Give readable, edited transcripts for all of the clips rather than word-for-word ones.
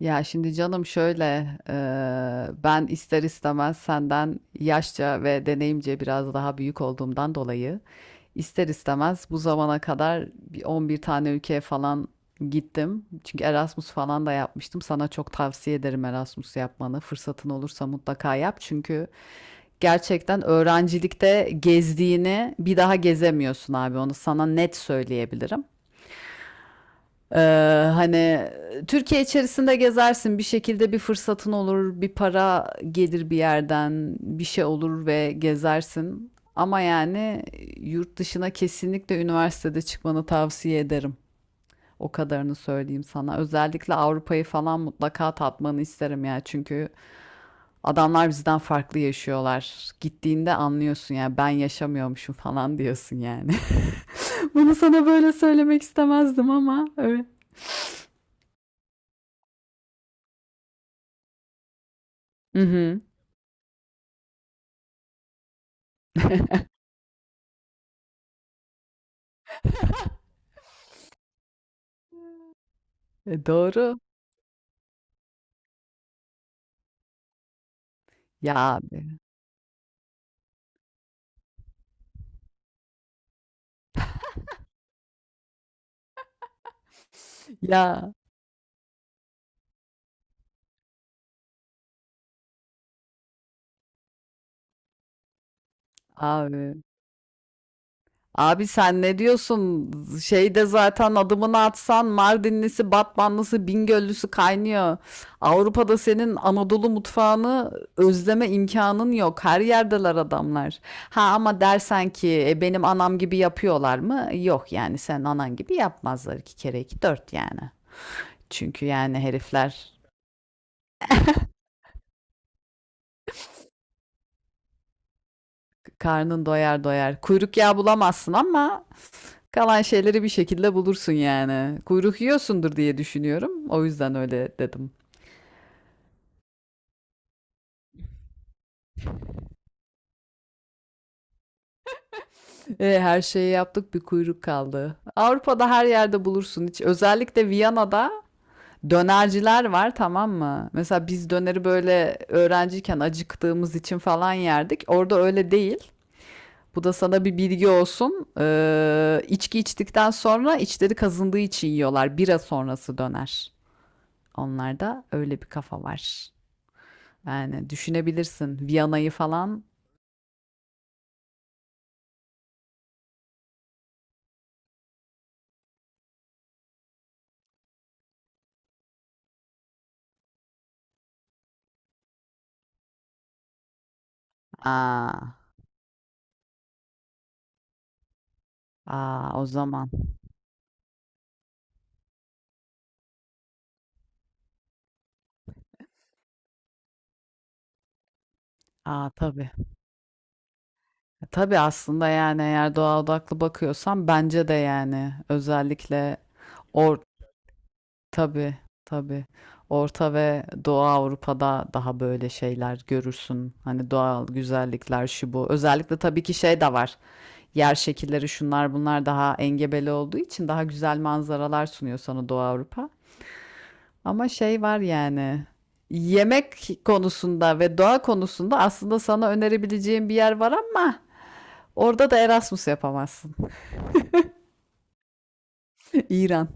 Ya şimdi canım şöyle, ben ister istemez senden yaşça ve deneyimce biraz daha büyük olduğumdan dolayı ister istemez bu zamana kadar bir 11 tane ülkeye falan gittim. Çünkü Erasmus falan da yapmıştım. Sana çok tavsiye ederim Erasmus yapmanı. Fırsatın olursa mutlaka yap. Çünkü gerçekten öğrencilikte gezdiğini bir daha gezemiyorsun abi. Onu sana net söyleyebilirim. Ee, hani Türkiye içerisinde gezersin bir şekilde, bir fırsatın olur, bir para gelir bir yerden, bir şey olur ve gezersin, ama yani yurt dışına kesinlikle üniversitede çıkmanı tavsiye ederim, o kadarını söyleyeyim sana. Özellikle Avrupa'yı falan mutlaka tatmanı isterim ya, çünkü adamlar bizden farklı yaşıyorlar. Gittiğinde anlıyorsun, ya ben yaşamıyormuşum falan diyorsun yani. Bunu sana böyle söylemek istemezdim, ama evet. Hı hı. E, doğru. Ya abi. Ya abi. Abi sen ne diyorsun? Şeyde zaten adımını atsan Mardinlisi, Batmanlısı, Bingöllüsü kaynıyor. Avrupa'da senin Anadolu mutfağını özleme imkanın yok. Her yerdeler adamlar. Ha, ama dersen ki "E, benim anam gibi yapıyorlar mı?" Yok yani, sen anan gibi yapmazlar, iki kere iki dört yani. Çünkü yani herifler karnın doyar doyar. Kuyruk yağı bulamazsın, ama kalan şeyleri bir şekilde bulursun yani. Kuyruk yiyorsundur diye düşünüyorum. O yüzden öyle dedim. E, her şeyi yaptık, bir kuyruk kaldı. Avrupa'da her yerde bulursun. Hiç, özellikle Viyana'da dönerciler var, tamam mı? Mesela biz döneri böyle öğrenciyken acıktığımız için falan yerdik. Orada öyle değil. Bu da sana bir bilgi olsun. İçki içtikten sonra içleri kazındığı için yiyorlar. Bira sonrası döner. Onlarda öyle bir kafa var. Yani düşünebilirsin Viyana'yı falan. Aa, aa, o zaman. Aa tabii. E, tabii. Aslında yani, eğer doğa odaklı bakıyorsan, bence de yani, özellikle or tabii tabii Orta ve Doğu Avrupa'da daha böyle şeyler görürsün. Hani doğal güzellikler, şu bu. Özellikle tabii ki şey de var. Yer şekilleri, şunlar bunlar daha engebeli olduğu için daha güzel manzaralar sunuyor sana Doğu Avrupa. Ama şey var yani. Yemek konusunda ve doğa konusunda aslında sana önerebileceğim bir yer var, ama orada da Erasmus yapamazsın. İran.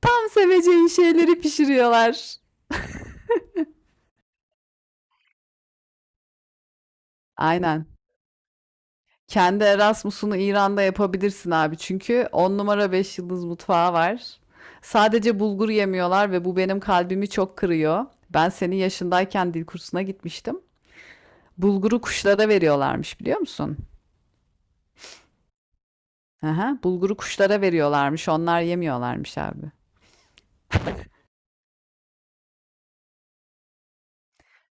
Tam seveceğin şeyleri pişiriyorlar. Aynen. Kendi Erasmus'unu İran'da yapabilirsin abi. Çünkü 10 numara 5 yıldız mutfağı var. Sadece bulgur yemiyorlar ve bu benim kalbimi çok kırıyor. Ben senin yaşındayken dil kursuna gitmiştim. Bulguru kuşlara veriyorlarmış, biliyor musun? Aha, bulguru kuşlara veriyorlarmış. Onlar yemiyorlarmış abi.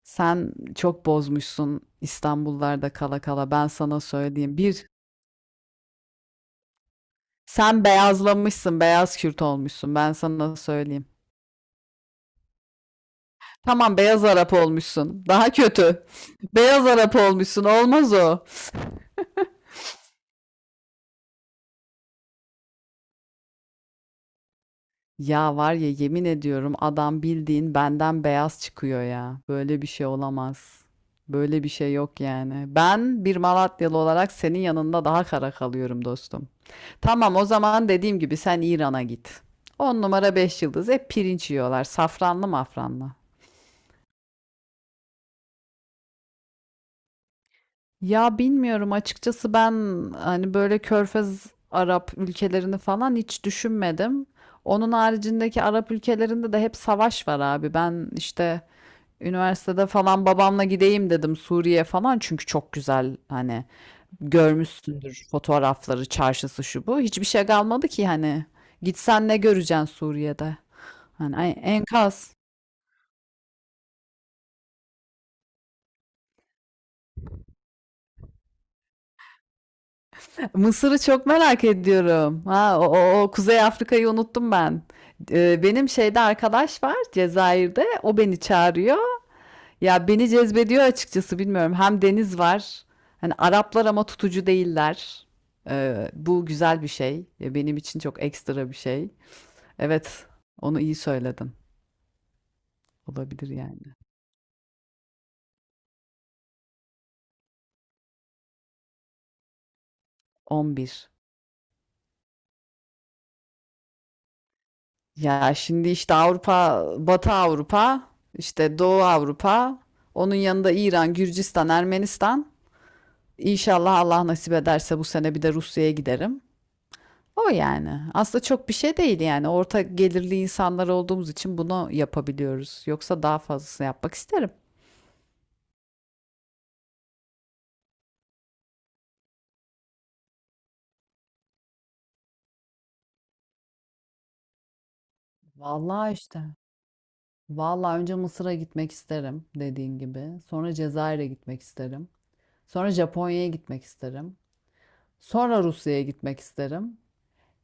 Sen çok bozmuşsun İstanbullarda kala kala. Ben sana söyleyeyim. Sen beyazlamışsın. Beyaz Kürt olmuşsun. Ben sana söyleyeyim. Tamam, beyaz Arap olmuşsun. Daha kötü. Beyaz Arap olmuşsun. Olmaz o. Ya var ya, yemin ediyorum, adam bildiğin benden beyaz çıkıyor ya. Böyle bir şey olamaz. Böyle bir şey yok yani. Ben bir Malatyalı olarak senin yanında daha kara kalıyorum dostum. Tamam, o zaman dediğim gibi, sen İran'a git. 10 numara 5 yıldız, hep pirinç yiyorlar. Safranlı mafranlı. Ya bilmiyorum açıkçası, ben hani böyle Körfez Arap ülkelerini falan hiç düşünmedim. Onun haricindeki Arap ülkelerinde de hep savaş var abi. Ben işte üniversitede falan babamla gideyim dedim Suriye falan, çünkü çok güzel. Hani görmüşsündür fotoğrafları, çarşısı, şu bu. Hiçbir şey kalmadı ki hani. Gitsen ne göreceksin Suriye'de? Hani enkaz. Mısır'ı çok merak ediyorum. Ha, o Kuzey Afrika'yı unuttum ben. Benim şeyde arkadaş var Cezayir'de. O beni çağırıyor. Ya beni cezbediyor açıkçası, bilmiyorum. Hem deniz var. Hani Araplar, ama tutucu değiller. Bu güzel bir şey. Ya benim için çok ekstra bir şey. Evet, onu iyi söyledin. Olabilir yani. 11. Ya şimdi işte Avrupa, Batı Avrupa, işte Doğu Avrupa, onun yanında İran, Gürcistan, Ermenistan. İnşallah Allah nasip ederse bu sene bir de Rusya'ya giderim. O yani. Aslında çok bir şey değil yani. Orta gelirli insanlar olduğumuz için bunu yapabiliyoruz. Yoksa daha fazlasını yapmak isterim. Vallahi işte. Vallahi önce Mısır'a gitmek isterim dediğin gibi. Sonra Cezayir'e gitmek isterim. Sonra Japonya'ya gitmek isterim. Sonra Rusya'ya gitmek isterim.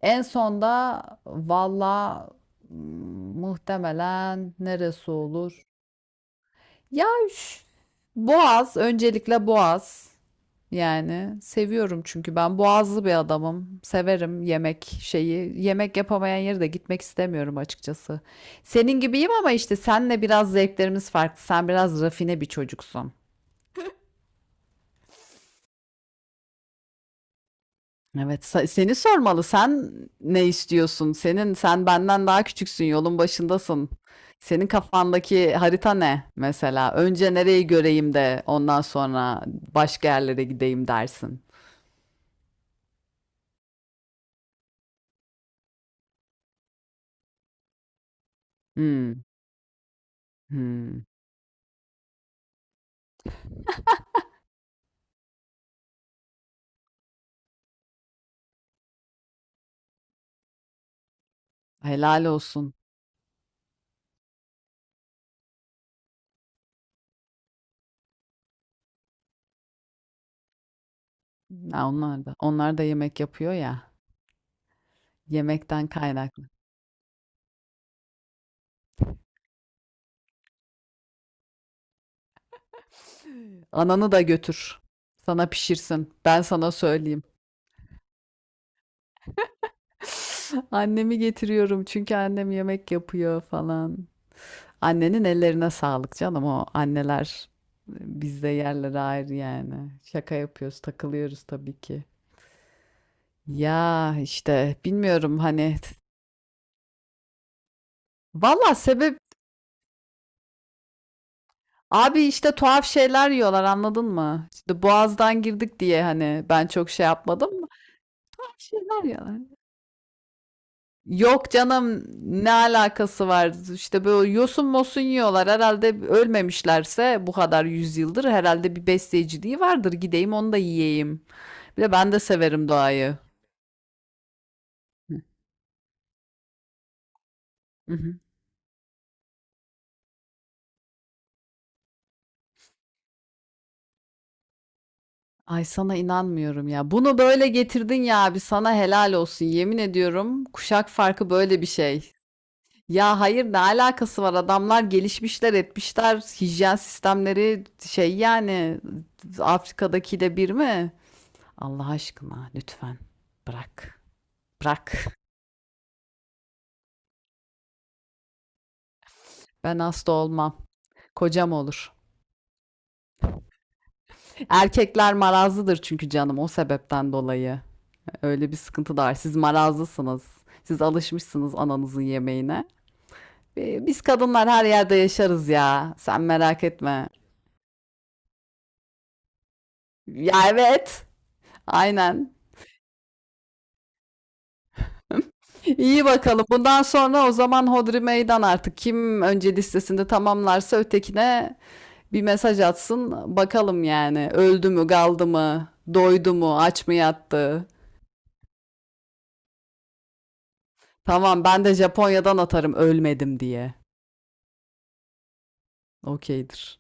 En son da valla, mm, muhtemelen neresi olur? Ya üf, Boğaz, öncelikle Boğaz. Yani seviyorum, çünkü ben boğazlı bir adamım. Severim yemek şeyi. Yemek yapamayan yere de gitmek istemiyorum açıkçası. Senin gibiyim, ama işte senle biraz zevklerimiz farklı. Sen biraz rafine bir çocuksun. Evet, seni sormalı. Sen ne istiyorsun? Sen benden daha küçüksün, yolun başındasın. Senin kafandaki harita ne mesela? Önce nereyi göreyim de ondan sonra başka yerlere gideyim dersin. Hmm. Hımm. Helal olsun. Ya, onlar da yemek yapıyor ya, yemekten kaynaklı. Ananı da götür. Sana pişirsin. Ben sana söyleyeyim. Annemi getiriyorum, çünkü annem yemek yapıyor falan. Annenin ellerine sağlık canım. O anneler, e, bizde yerleri ayrı yani. Şaka yapıyoruz, takılıyoruz tabii ki. Ya, işte bilmiyorum hani. Valla sebep Abi işte tuhaf şeyler yiyorlar, anladın mı? İşte Boğaz'dan girdik diye hani ben çok şey yapmadım mı? Tuhaf şeyler yiyorlar. Yok canım, ne alakası var? İşte böyle yosun mosun yiyorlar. Herhalde ölmemişlerse bu kadar yüzyıldır, herhalde bir besleyiciliği vardır. Gideyim onu da yiyeyim. Bir de ben de severim doğayı. Hı, hı hı. Ay, sana inanmıyorum ya. Bunu böyle getirdin ya abi, sana helal olsun. Yemin ediyorum, kuşak farkı böyle bir şey. Ya hayır, ne alakası var? Adamlar gelişmişler, etmişler. Hijyen sistemleri şey yani, Afrika'dakiyle bir mi? Allah aşkına lütfen bırak. Bırak. Ben hasta olmam. Kocam olur. Erkekler marazlıdır çünkü canım, o sebepten dolayı. Öyle bir sıkıntı da var. Siz marazlısınız. Siz alışmışsınız ananızın yemeğine. Biz kadınlar her yerde yaşarız ya. Sen merak etme. Ya evet. Aynen. İyi bakalım. Bundan sonra o zaman hodri meydan artık. Kim önce listesinde tamamlarsa ötekine bir mesaj atsın. Bakalım yani. Öldü mü, kaldı mı, doydu mu, aç mı yattı? Tamam, ben de Japonya'dan atarım ölmedim diye. Okeydir.